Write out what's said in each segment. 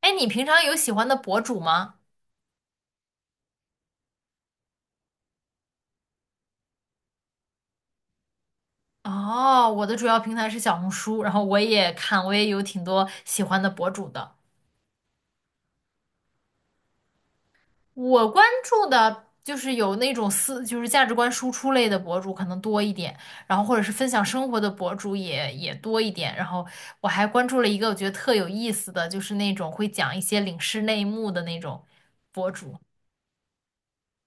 哎，你平常有喜欢的博主吗？哦，我的主要平台是小红书，然后我也看，我也有挺多喜欢的博主的。我关注的就是有那种思，就是价值观输出类的博主可能多一点，然后或者是分享生活的博主也多一点。然后我还关注了一个我觉得特有意思的，就是那种会讲一些领事内幕的那种博主。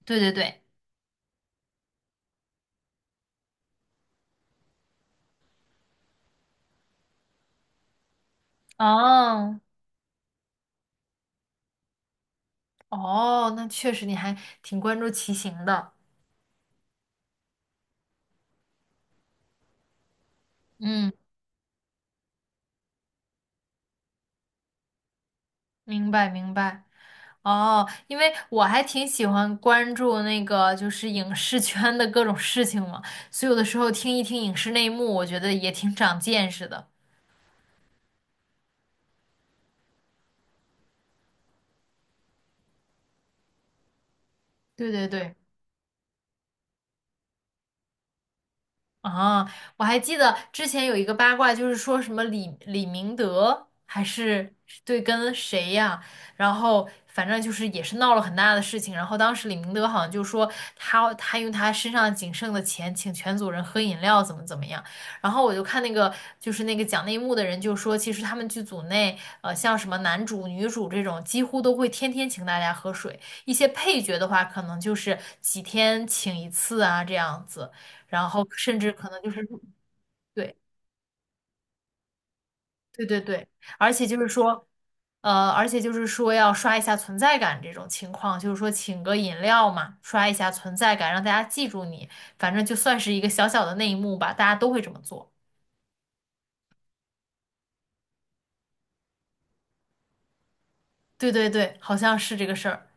对对对，哦哦，那确实你还挺关注骑行的。嗯，明白明白。哦，因为我还挺喜欢关注那个就是影视圈的各种事情嘛，所以有的时候听一听影视内幕，我觉得也挺长见识的。对对对。啊，我还记得之前有一个八卦，就是说什么李明德还是对跟谁呀、然后反正就是也是闹了很大的事情。然后当时李明德好像就说他用他身上仅剩的钱请全组人喝饮料，怎么怎么样。然后我就看那个就是那个讲内幕的人就说，其实他们剧组内像什么男主女主这种，几乎都会天天请大家喝水。一些配角的话，可能就是几天请一次啊这样子。然后甚至可能就是对对对对，而且就是说，而且就是说要刷一下存在感这种情况，就是说请个饮料嘛，刷一下存在感，让大家记住你，反正就算是一个小小的内幕吧，大家都会这么做。对对对，好像是这个事儿。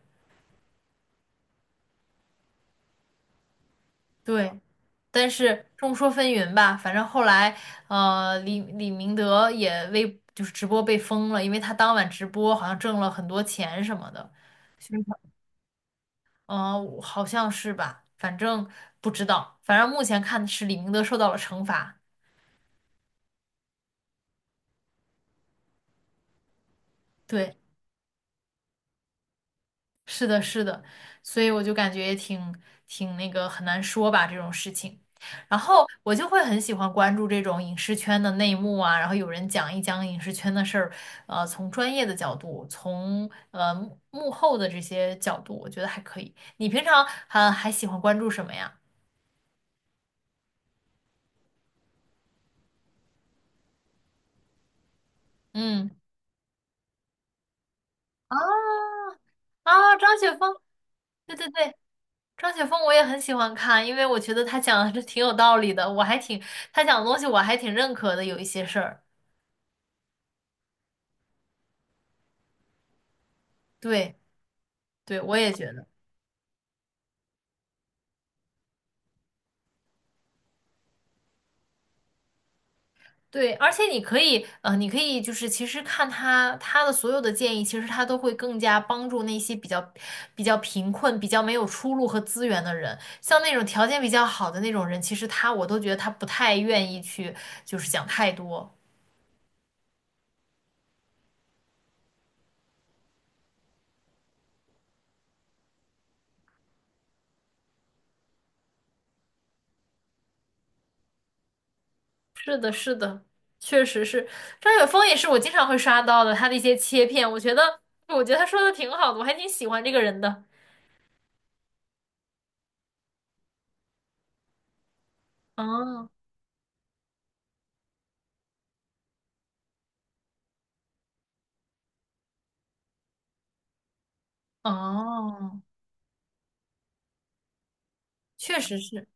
对，但是众说纷纭吧，反正后来，呃，李明德也微就是直播被封了，因为他当晚直播好像挣了很多钱什么的。呃，好像是吧，反正不知道，反正目前看是李明德受到了惩罚。对，是的，是的，所以我就感觉也挺挺那个很难说吧这种事情。然后我就会很喜欢关注这种影视圈的内幕啊，然后有人讲一讲影视圈的事儿，呃，从专业的角度，从幕后的这些角度，我觉得还可以。你平常还喜欢关注什么呀？嗯，啊啊，张雪峰，对对对。张雪峰我也很喜欢看，因为我觉得他讲的是挺有道理的，我还挺，他讲的东西我还挺认可的，有一些事儿。对，对，我也觉得。对，而且你可以，呃，你可以就是其实看他的所有的建议，其实他都会更加帮助那些比较比较贫困、比较没有出路和资源的人，像那种条件比较好的那种人，其实他我都觉得他不太愿意去就是讲太多。是的，是的，确实是张雪峰也是我经常会刷到的，他的一些切片，我觉得，我觉得他说的挺好的，我还挺喜欢这个人的。哦哦，确实是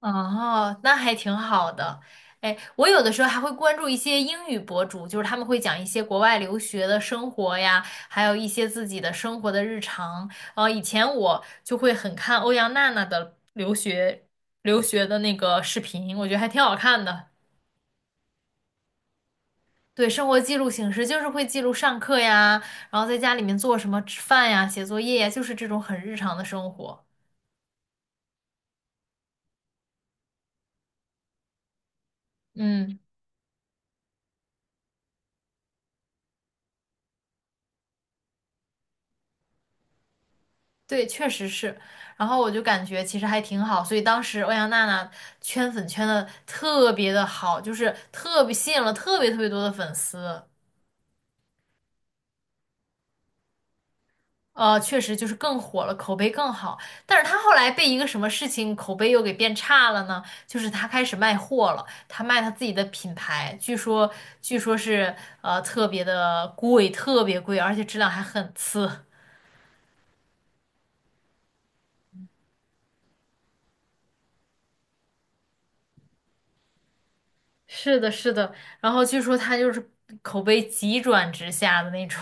哦，那还挺好的。哎，我有的时候还会关注一些英语博主，就是他们会讲一些国外留学的生活呀，还有一些自己的生活的日常。呃，以前我就会很看欧阳娜娜的留学的那个视频，我觉得还挺好看的。对，生活记录形式就是会记录上课呀，然后在家里面做什么吃饭呀、写作业呀，就是这种很日常的生活。嗯，对，确实是。然后我就感觉其实还挺好，所以当时欧阳娜娜圈粉圈的特别的好，就是特别吸引了特别特别多的粉丝。呃，确实就是更火了，口碑更好。但是他后来被一个什么事情口碑又给变差了呢？就是他开始卖货了，他卖他自己的品牌，据说是特别的贵，特别贵，而且质量还很次。是的，是的。然后据说他就是口碑急转直下的那种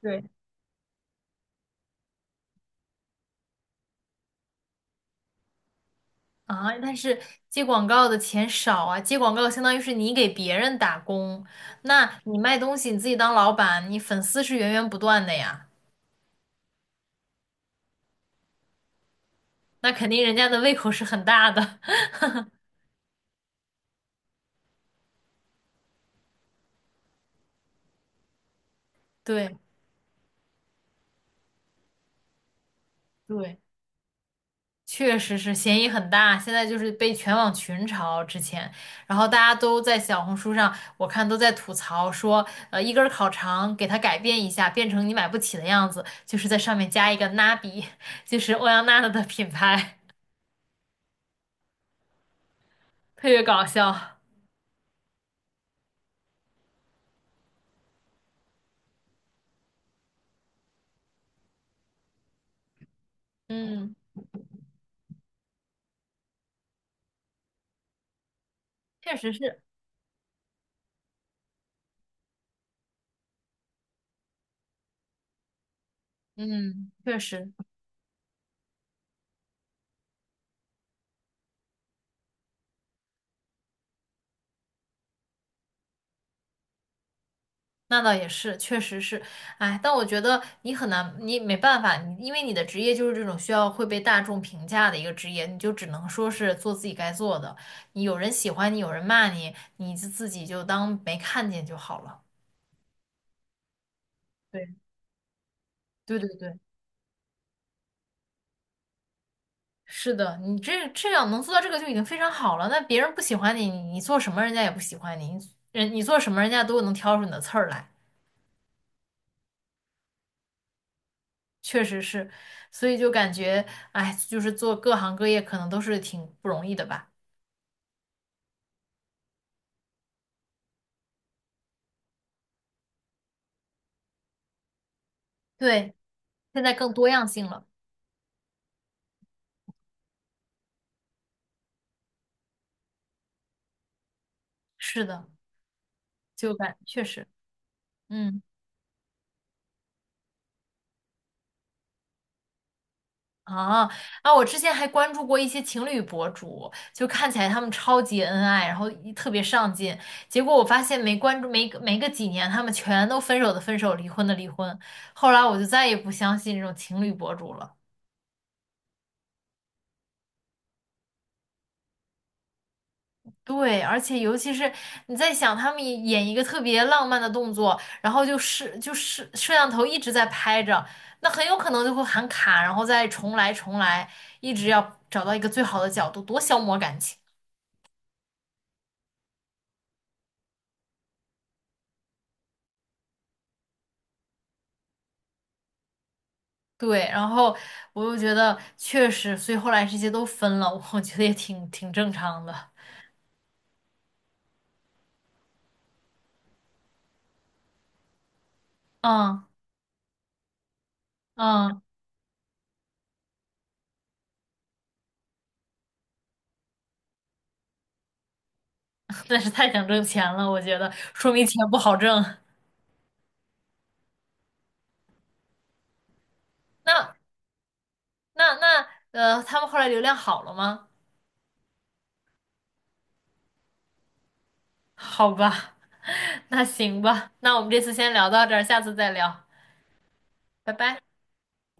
对，啊，但是接广告的钱少啊，接广告相当于是你给别人打工，那你卖东西你自己当老板，你粉丝是源源不断的呀。那肯定人家的胃口是很大的。对对，确实是嫌疑很大，现在就是被全网群嘲之前，然后大家都在小红书上，我看都在吐槽说，呃，一根儿烤肠给它改变一下，变成你买不起的样子，就是在上面加一个 n a 就是欧阳娜娜的品牌，特别搞笑。嗯，确实是，嗯，确实。那倒也是，确实是，哎，但我觉得你很难，你没办法，你因为你的职业就是这种需要会被大众评价的一个职业，你就只能说是做自己该做的。你有人喜欢你，有人骂你，你自己就当没看见就好了。对，对对对，是的，你这样能做到这个就已经非常好了。那别人不喜欢你，你做什么人家也不喜欢你，你人你做什么人家都能挑出你的刺儿来，确实是，所以就感觉，哎，就是做各行各业可能都是挺不容易的吧。对，现在更多样性了。是的，就感确实，嗯，啊啊，我之前还关注过一些情侣博主，就看起来他们超级恩爱，然后一特别上进，结果我发现没关注没个几年，他们全都分手的分手，离婚的离婚。后来我就再也不相信这种情侣博主了。对，而且尤其是你在想他们演一个特别浪漫的动作，然后就是摄像头一直在拍着，那很有可能就会喊卡，然后再重来，一直要找到一个最好的角度，多消磨感情。对，然后我又觉得确实，所以后来这些都分了，我觉得也挺挺正常的。嗯嗯，但是太想挣钱了，我觉得说明钱不好挣。那那他们后来流量好了吗？好吧。那行吧，那我们这次先聊到这儿，下次再聊，拜拜。